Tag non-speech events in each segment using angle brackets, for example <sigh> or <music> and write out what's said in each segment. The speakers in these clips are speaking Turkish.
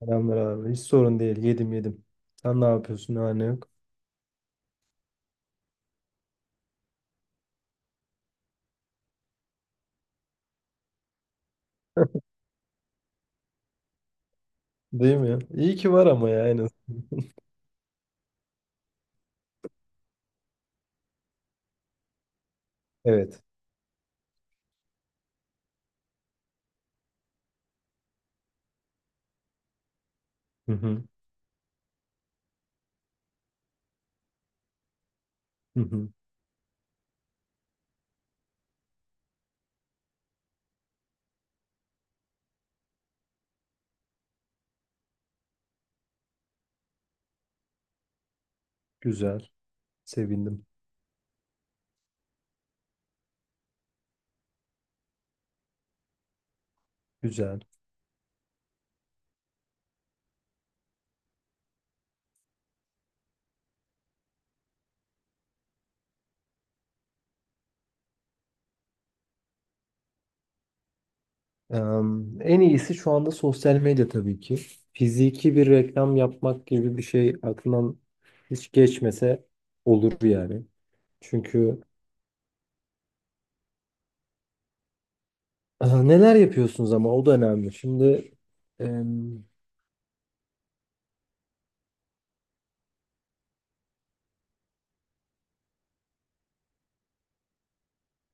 Selamlar abi. Hiç sorun değil. Yedim yedim. Sen ne yapıyorsun? Ne var ne yok? Değil mi? İyi ki var ama ya en az. Evet. Hı hı. Hı hı. Güzel. Sevindim. Güzel. En iyisi şu anda sosyal medya tabii ki. Fiziki bir reklam yapmak gibi bir şey aklından hiç geçmese olur yani. Çünkü neler yapıyorsunuz ama o da önemli. Şimdi em,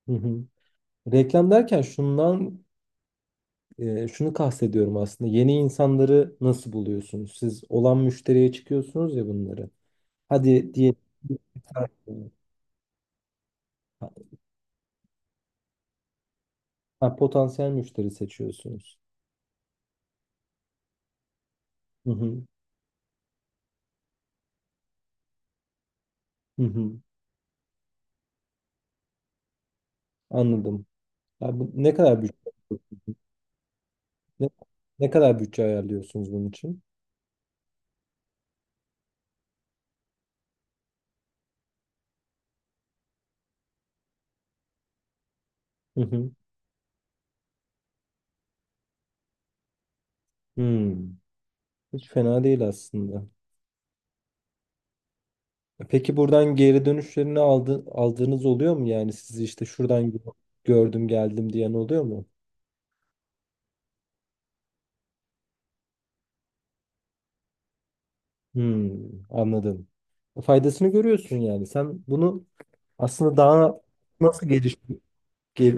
hı hı. reklam derken şundan şunu kastediyorum aslında. Yeni insanları nasıl buluyorsunuz? Siz olan müşteriye çıkıyorsunuz ya bunları. Hadi diye <laughs> ha, potansiyel müşteri seçiyorsunuz. Hı hı, hı hı. Anladım. Ya bu, ne kadar bütçe ne, ne kadar bütçe ayarlıyorsunuz bunun için? Hı hı. Hmm. Hiç fena değil aslında. Peki buradan geri dönüşlerini aldığınız oluyor mu? Yani sizi işte şuradan gördüm geldim diyen oluyor mu? Hmm, anladım. Faydasını görüyorsun yani. Sen bunu aslında daha nasıl geliştir gel.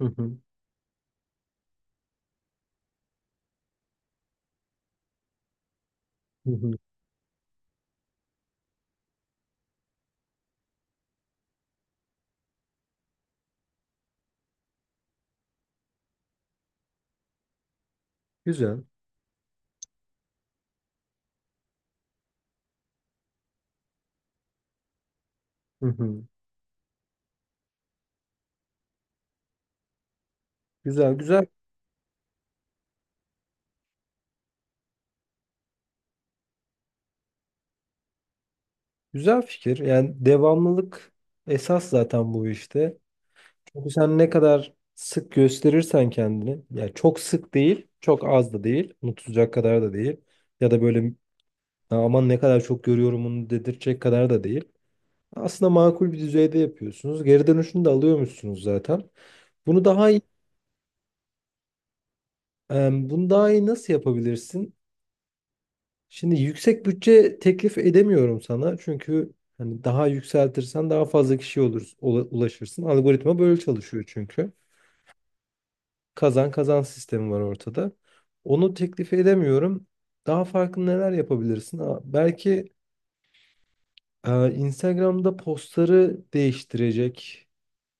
Hı hı, hı hı. Güzel. Hı hı. Güzel, güzel, güzel fikir. Yani devamlılık esas zaten bu işte. Çünkü sen ne kadar sık gösterirsen kendini, yani çok sık değil, çok az da değil, unutulacak kadar da değil ya da böyle, "Ya aman ne kadar çok görüyorum" onu dedirtecek kadar da değil. Aslında makul bir düzeyde yapıyorsunuz. Geri dönüşünü de alıyormuşsunuz zaten. Bunu daha iyi, bunu daha iyi nasıl yapabilirsin? Şimdi yüksek bütçe teklif edemiyorum sana. Çünkü hani daha yükseltirsen daha fazla kişiye olur, ulaşırsın. Algoritma böyle çalışıyor çünkü. Kazan kazan sistemi var ortada. Onu teklif edemiyorum. Daha farklı neler yapabilirsin? Belki Instagram'da postları değiştirecek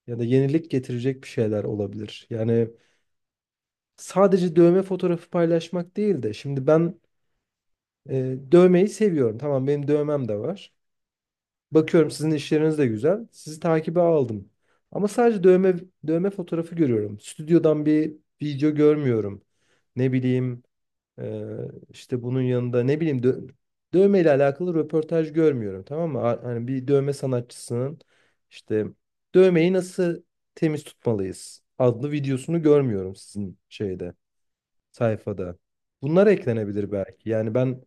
ya da yenilik getirecek bir şeyler olabilir. Yani sadece dövme fotoğrafı paylaşmak değil de şimdi ben dövmeyi seviyorum. Tamam benim dövmem de var. Bakıyorum sizin işleriniz de güzel. Sizi takibe aldım. Ama sadece dövme fotoğrafı görüyorum. Stüdyodan bir video görmüyorum. Ne bileyim e, işte bunun yanında ne bileyim dövmeyle alakalı röportaj görmüyorum. Tamam mı? Hani bir dövme sanatçısının işte "dövmeyi nasıl temiz tutmalıyız" adlı videosunu görmüyorum sizin şeyde, sayfada. Bunlar eklenebilir belki. Yani ben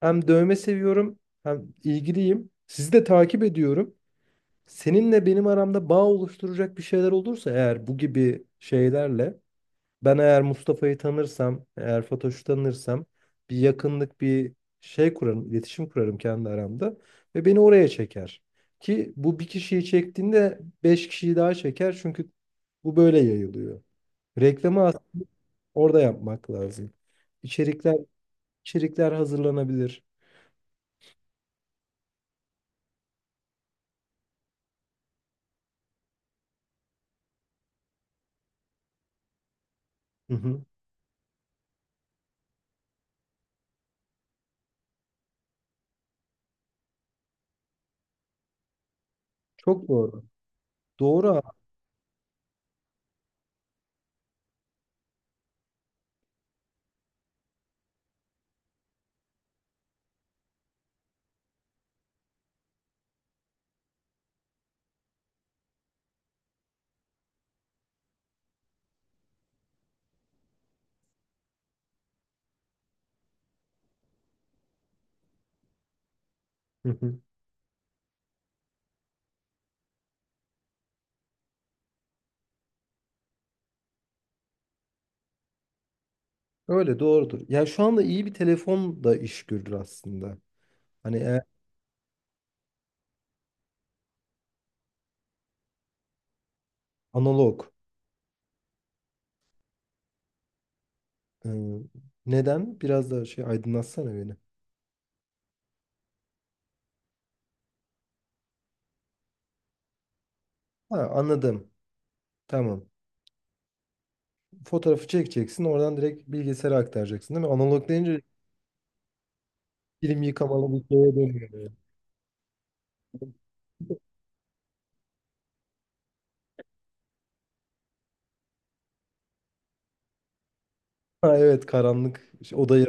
hem dövme seviyorum hem ilgiliyim. Sizi de takip ediyorum. Seninle benim aramda bağ oluşturacak bir şeyler olursa eğer, bu gibi şeylerle ben, eğer Mustafa'yı tanırsam, eğer Fatoş'u tanırsam, bir yakınlık, bir şey kurarım, iletişim kurarım kendi aramda ve beni oraya çeker. Ki bu bir kişiyi çektiğinde beş kişiyi daha çeker, çünkü bu böyle yayılıyor. Reklamı aslında orada yapmak lazım. İçerikler içerikler hazırlanabilir. Hı hı. Çok doğru. Doğru abi. Hı hı. Öyle doğrudur. Yani şu anda iyi bir telefon da iş görür aslında. Hani eğer analog. e, neden? Biraz daha şey aydınlatsana beni. Ha, anladım. Tamam. Fotoğrafı çekeceksin. Oradan direkt bilgisayara aktaracaksın değil mi? Analog deyince film yıkamalı bir şeye dönüyor. Yani. Ha, evet karanlık şey, odayı.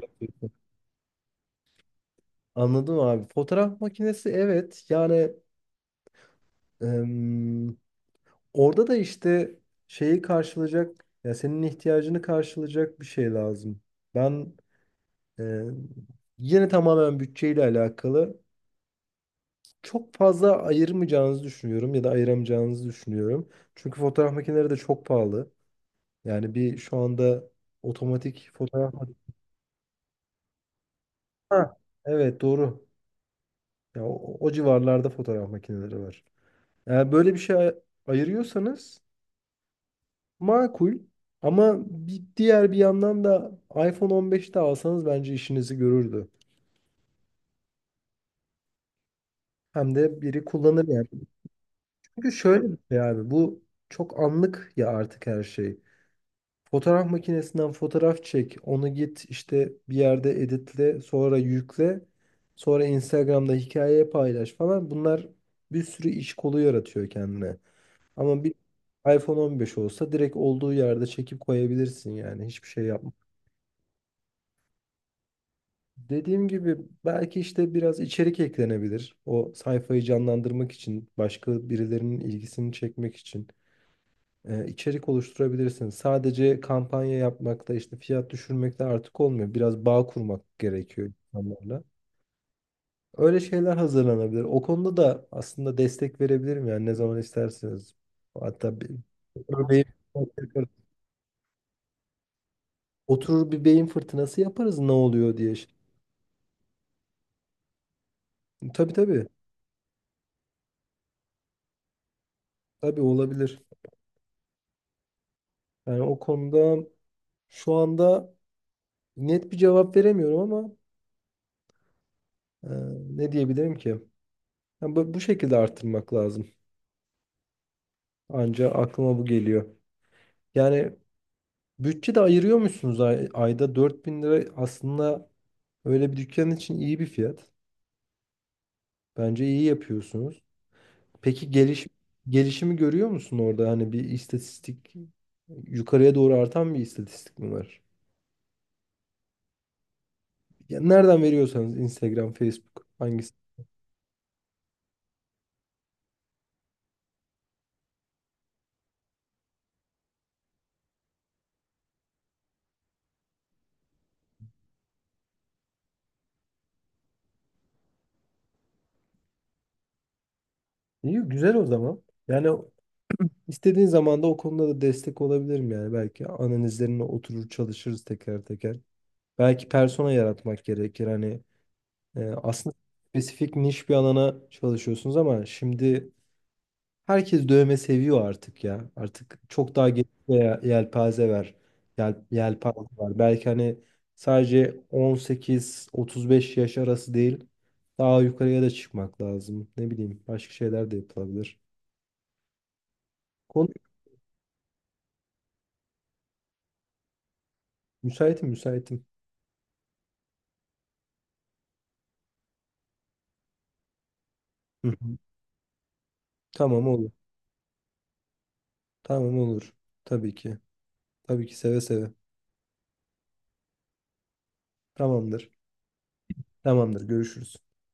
Anladım abi. Fotoğraf makinesi evet. Yani orada da işte şeyi karşılayacak, ya senin ihtiyacını karşılayacak bir şey lazım. Ben e, yine tamamen bütçeyle alakalı çok fazla ayırmayacağınızı düşünüyorum ya da ayıramayacağınızı düşünüyorum. Çünkü fotoğraf makineleri de çok pahalı. Yani bir şu anda otomatik fotoğraf makinesi. Ha, evet doğru. Ya, o civarlarda fotoğraf makineleri var. Eğer böyle bir şey ayırıyorsanız, makul. Ama bir diğer bir yandan da iPhone 15'te alsanız bence işinizi görürdü. Hem de biri kullanır yani. Çünkü şöyle bir şey abi, bu çok anlık ya artık her şey. Fotoğraf makinesinden fotoğraf çek, onu git işte bir yerde editle, sonra yükle, sonra Instagram'da hikayeye paylaş falan. Bunlar bir sürü iş kolu yaratıyor kendine. Ama bir iPhone 15 olsa direkt olduğu yerde çekip koyabilirsin, yani hiçbir şey yapma. Dediğim gibi belki işte biraz içerik eklenebilir. O sayfayı canlandırmak için, başka birilerinin ilgisini çekmek için içerik oluşturabilirsiniz. Sadece kampanya yapmakta, işte fiyat düşürmekte artık olmuyor. Biraz bağ kurmak gerekiyor insanlarla. Öyle şeyler hazırlanabilir. O konuda da aslında destek verebilirim, yani ne zaman isterseniz. Hatta bir, örneğin, oturur bir beyin fırtınası yaparız ne oluyor diye. Tabii tabii. Tabii olabilir. Yani o konuda şu anda net bir cevap veremiyorum ama e, ne diyebilirim ki? Yani bu şekilde arttırmak lazım. Anca aklıma bu geliyor. Yani bütçe de ayırıyor musunuz? Ay ayda 4.000 lira aslında öyle bir dükkan için iyi bir fiyat. Bence iyi yapıyorsunuz. Peki gelişimi görüyor musun orada? Hani bir istatistik, yukarıya doğru artan bir istatistik mi var? Ya nereden veriyorsanız, Instagram, Facebook hangisi? İyi, güzel o zaman. Yani İstediğin zaman da o konuda da destek olabilirim yani. Belki analizlerine oturur çalışırız teker teker. Belki persona yaratmak gerekir. Hani aslında spesifik, niş bir alana çalışıyorsunuz ama şimdi herkes dövme seviyor artık ya. Artık çok daha geniş bir yelpaze var. Yelpaze var. Belki hani sadece 18-35 yaş arası değil. Daha yukarıya da çıkmak lazım. Ne bileyim, başka şeyler de yapılabilir. Konu müsaitim, müsaitim. Hı hı. Tamam, olur. Tamam, olur. Tabii ki. Tabii ki, seve seve. Tamamdır. Tamamdır. Görüşürüz.